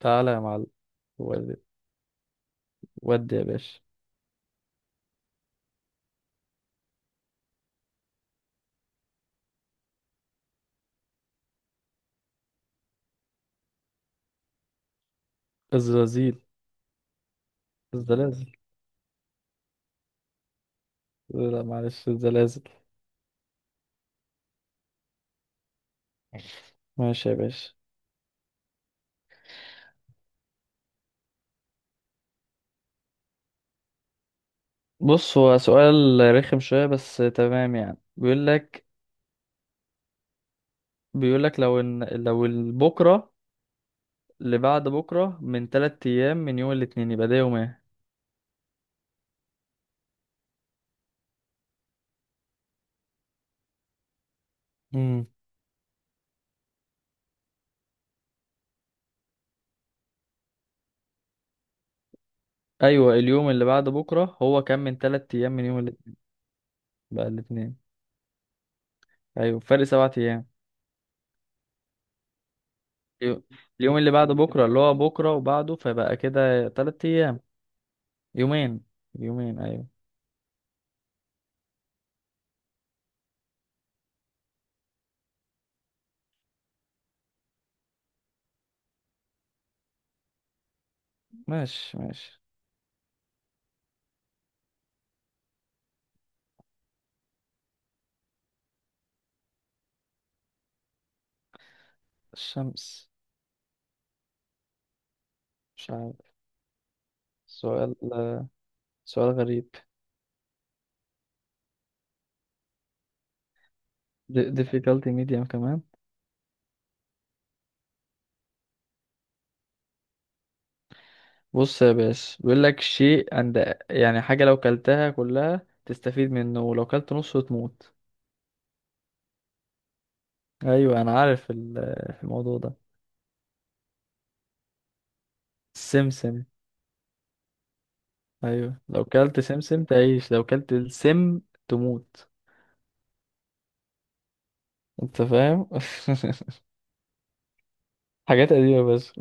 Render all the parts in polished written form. تعالى يا معلم. ودي، ودي يا باشا. الزلازل. الزلازل. لا، معلش، الزلازل. ماشي يا باشا. بص، هو سؤال رخم شوية بس تمام. يعني بيقول لك، لو ان بكرة اللي بعد بكرة من تلات أيام من يوم الاثنين، يبقى ده يوم ايه؟ امم أيوة اليوم اللي بعد بكرة هو كان من تلات أيام من يوم الاثنين. بقى الاثنين. أيوة، فرق سبعة أيام. يو- اليوم اللي بعد بكرة اللي هو بكرة وبعده، فبقى كده تلات أيام. يومين. يومين أيوة. ماشي ماشي. الشمس. مش عارف. سؤال، سؤال غريب. Difficulty medium كمان. بص يا باشا، بيقول لك شيء عند، يعني حاجة، لو كلتها كلها تستفيد منه ولو كلت نصه تموت. ايوه انا عارف الموضوع ده. السمسم. ايوه، لو كلت سمسم تعيش، لو كلت السم تموت. انت فاهم؟ حاجات قديمة بس.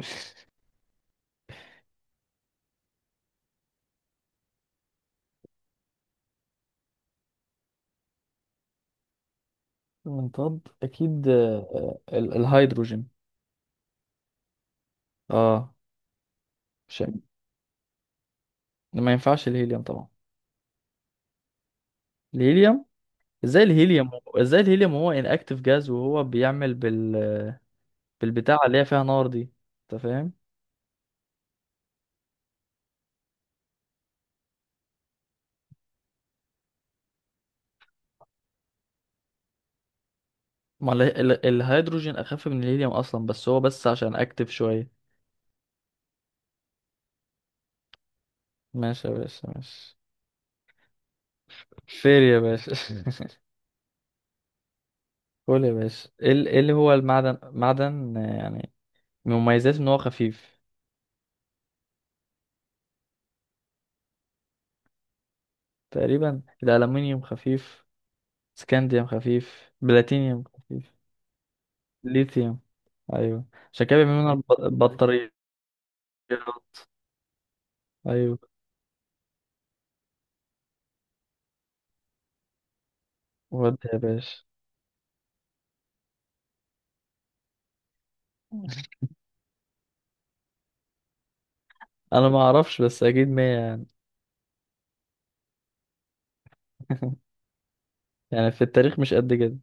منطاد اكيد، الهيدروجين. اه. مش، ما ينفعش الهيليوم طبعا. الهيليوم. ازاي الهيليوم؟ ازاي الهيليوم؟ هو انأكتيف جاز، وهو بيعمل بالبتاع اللي هي فيها نار دي. انت فاهم؟ ما الهيدروجين اخف من الهيليوم اصلا، بس هو بس عشان اكتف شويه. ماشي يا باشا، ماشي. فير يا باشا. قول يا باشا. ايه إيه اللي هو المعدن، معدن، يعني من مميزاته ان هو خفيف. تقريبا الالومنيوم خفيف، سكانديوم خفيف، بلاتينيوم خفيف. ليثيوم. ايوه. عشان كده بيعملوا منها البطاريات. ايوه. ودي يا باشا. انا ما اعرفش، بس اكيد 100 يعني. يعني في التاريخ مش قد كده.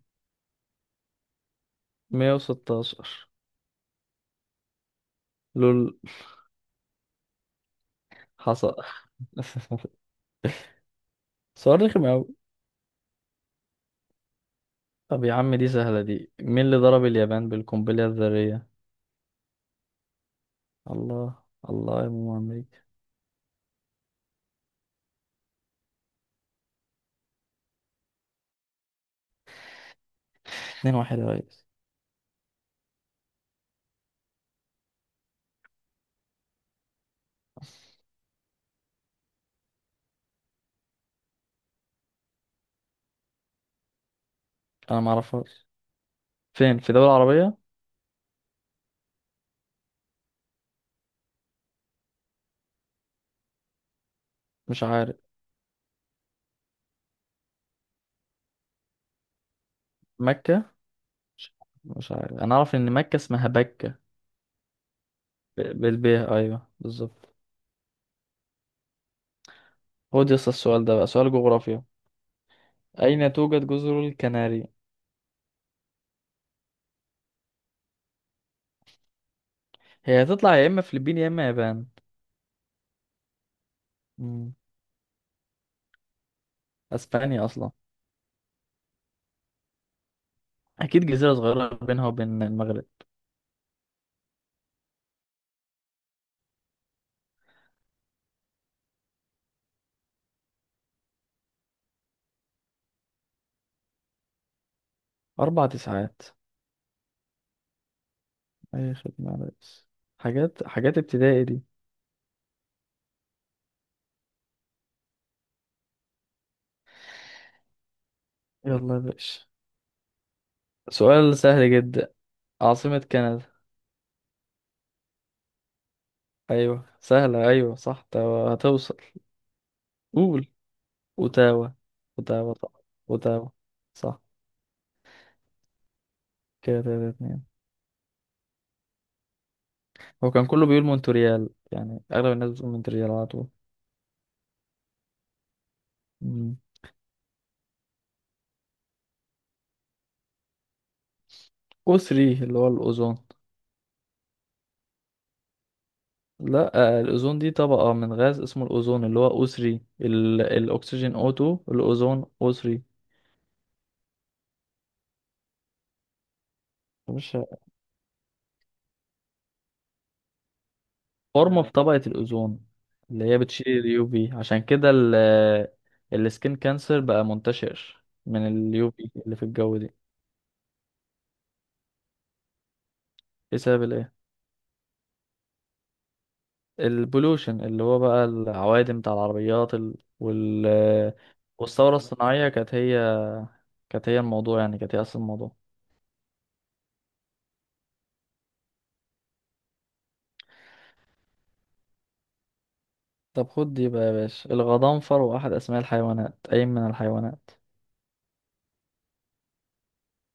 116. لول. حصل. سؤال رخم أوي. طب يا عم، دي سهلة دي. مين اللي ضرب اليابان بالقنبلة الذرية؟ الله. الله يا ماما أمريكا. اتنين واحد يا ريس. أنا معرفهاش. فين؟ في دولة عربية؟ مش عارف. مكة. مش، مش عارف. أنا أعرف إن مكة اسمها بكة. بالبيه أيوه، بالظبط. خد يا اسطى السؤال ده بقى، سؤال جغرافيا. أين توجد جزر الكناري؟ هي هتطلع يا اما فلبين يا اما يابان. مم. اسبانيا اصلا. اكيد جزيره صغيره بينها وبين المغرب. اربع تسعات. اي خدمه يا ريس. حاجات حاجات ابتدائي دي. يلا يا باشا. سؤال سهل جدا. عاصمه كندا. ايوه سهله، ايوه صح، هتوصل. قول. اوتاوا. اوتاوا صح. اوتاوا. صح. كده تلاتة اتنين. هو كان كله بيقول مونتريال، يعني اغلب الناس بتقول مونتريال على طول. مم. او 3 اللي هو الاوزون. لا، الأوزون دي طبقة من غاز اسمه الأوزون، اللي هو أو3. الأكسجين O2، الأوزون O3. مش، فورمة في طبقة الأوزون اللي هي بتشيل اليو في. عشان كده السكين كانسر بقى منتشر من اليو في اللي في الجو دي. ايه سبب الايه؟ البولوشن، اللي هو بقى العوادم بتاع العربيات، والثورة الصناعية كانت هي، الموضوع يعني كانت هي أصل الموضوع. طب خد دي بقى يا باشا، الغضنفر واحد أسماء الحيوانات. أي من الحيوانات؟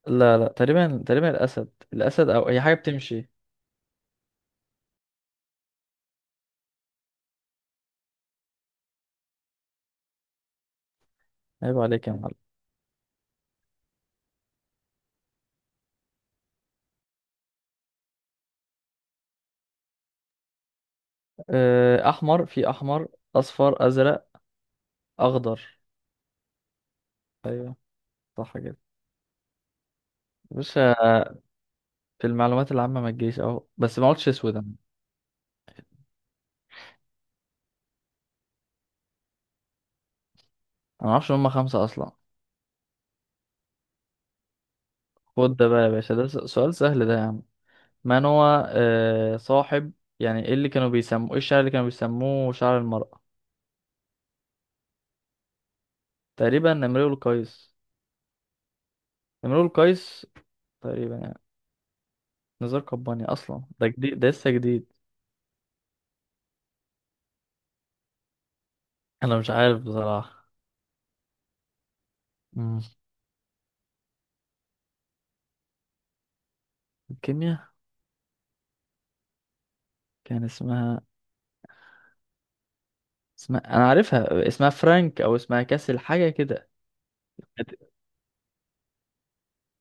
لا لا، تقريبا تقريبا، الأسد، الأسد. أو هي حاجة بتمشي. عيب عليك يا معلم. أحمر، في أحمر، أصفر، أزرق، أخضر. أيوه، صح كده. بص، في المعلومات العامة ما تجيش أهو، بس ما قلتش أسود أنا. أنا ما أعرفش إن هما خمسة أصلا. خد ده بقى يا باشا، ده سؤال سهل ده يا عم. من هو صاحب، يعني إيه اللي كانوا بيسموه، إيه الشعر اللي كانوا بيسموه شعر المرأة؟ تقريبا نمرود القيس. نمرود القيس تقريبا يعني. نزار قباني أصلا ده جديد، ده لسه جديد. أنا مش عارف بصراحة. مم. كيمياء. كان اسمها، اسمها انا عارفها، اسمها فرانك او اسمها كاسل، حاجه كده. كانت-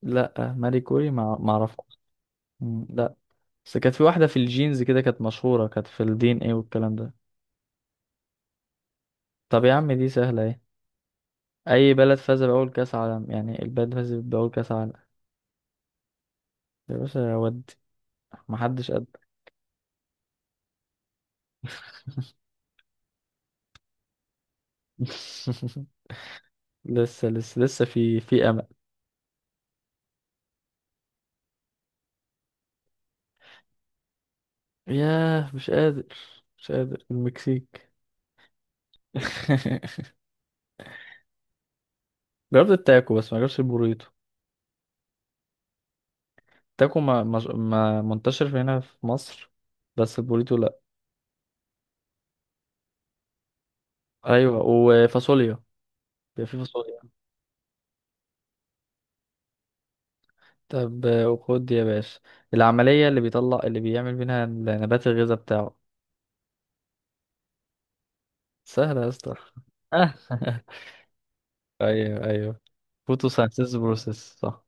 لا ماري كوري، ما اعرفهاش. مم، لا. بس كانت في واحده في الجينز كده، كانت مشهوره، كانت في الدي ان ايه والكلام ده. طب يا عم دي سهله ايه. اي بلد فاز باول كاس عالم، يعني البلد فاز باول كاس عالم؟ يا باشا، يا ودي. ما حدش قد. لسه لسه لسه، في في امل. ياه، مش قادر، مش قادر. المكسيك. جربت التاكو بس ما جربتش البوريتو. تاكو ما منتشر في هنا في مصر، بس البوريتو لا. ايوه، وفاصوليا. بيبقى في فاصوليا. طب، خد يا باشا، العملية اللي بيطلع، اللي بيعمل منها نبات الغذاء بتاعه. سهلة يا اسطى. آه. ايوه ايوه. فوتوسينثيسيس بروسيس صح.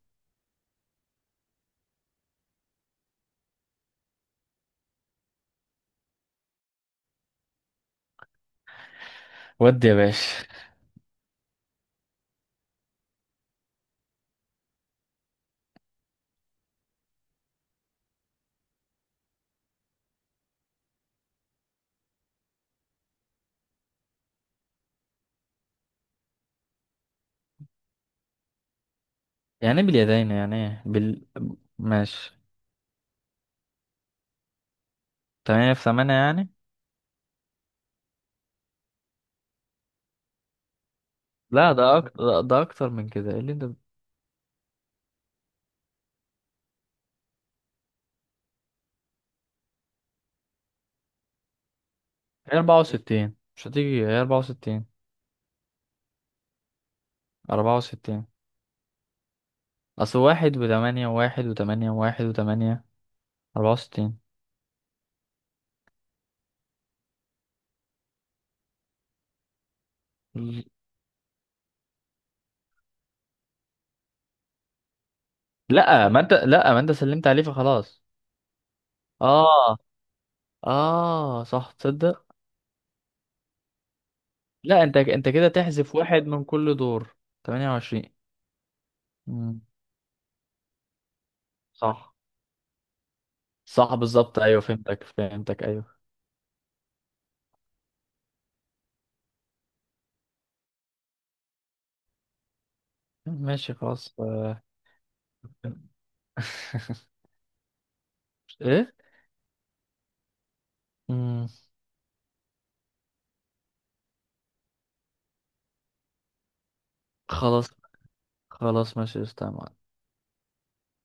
ودي يا باشا. يعني ايه باليدين، يعني ايه بال؟ ماشي. تمانية في تمانية يعني. لا ده أكتر، ده أكتر من كده. إيه اللي أنت؟ هي أربعة وستين، مش هتيجي، هي أربعة وستين. أربعة وستين. اصل واحد وتمانية، وواحد وتمانية، وواحد وتمانية. أربعة وستين. لأ ما انت سلمت عليه فخلاص. اه. اه صح، تصدق. لأ، انت كده تحذف واحد من كل دور. تمانية وعشرين. مم، صح. صح بالظبط، ايوه فهمتك، ايوه ماشي خلاص. ايه؟ مم، خلاص. خلاص ماشي. استنى.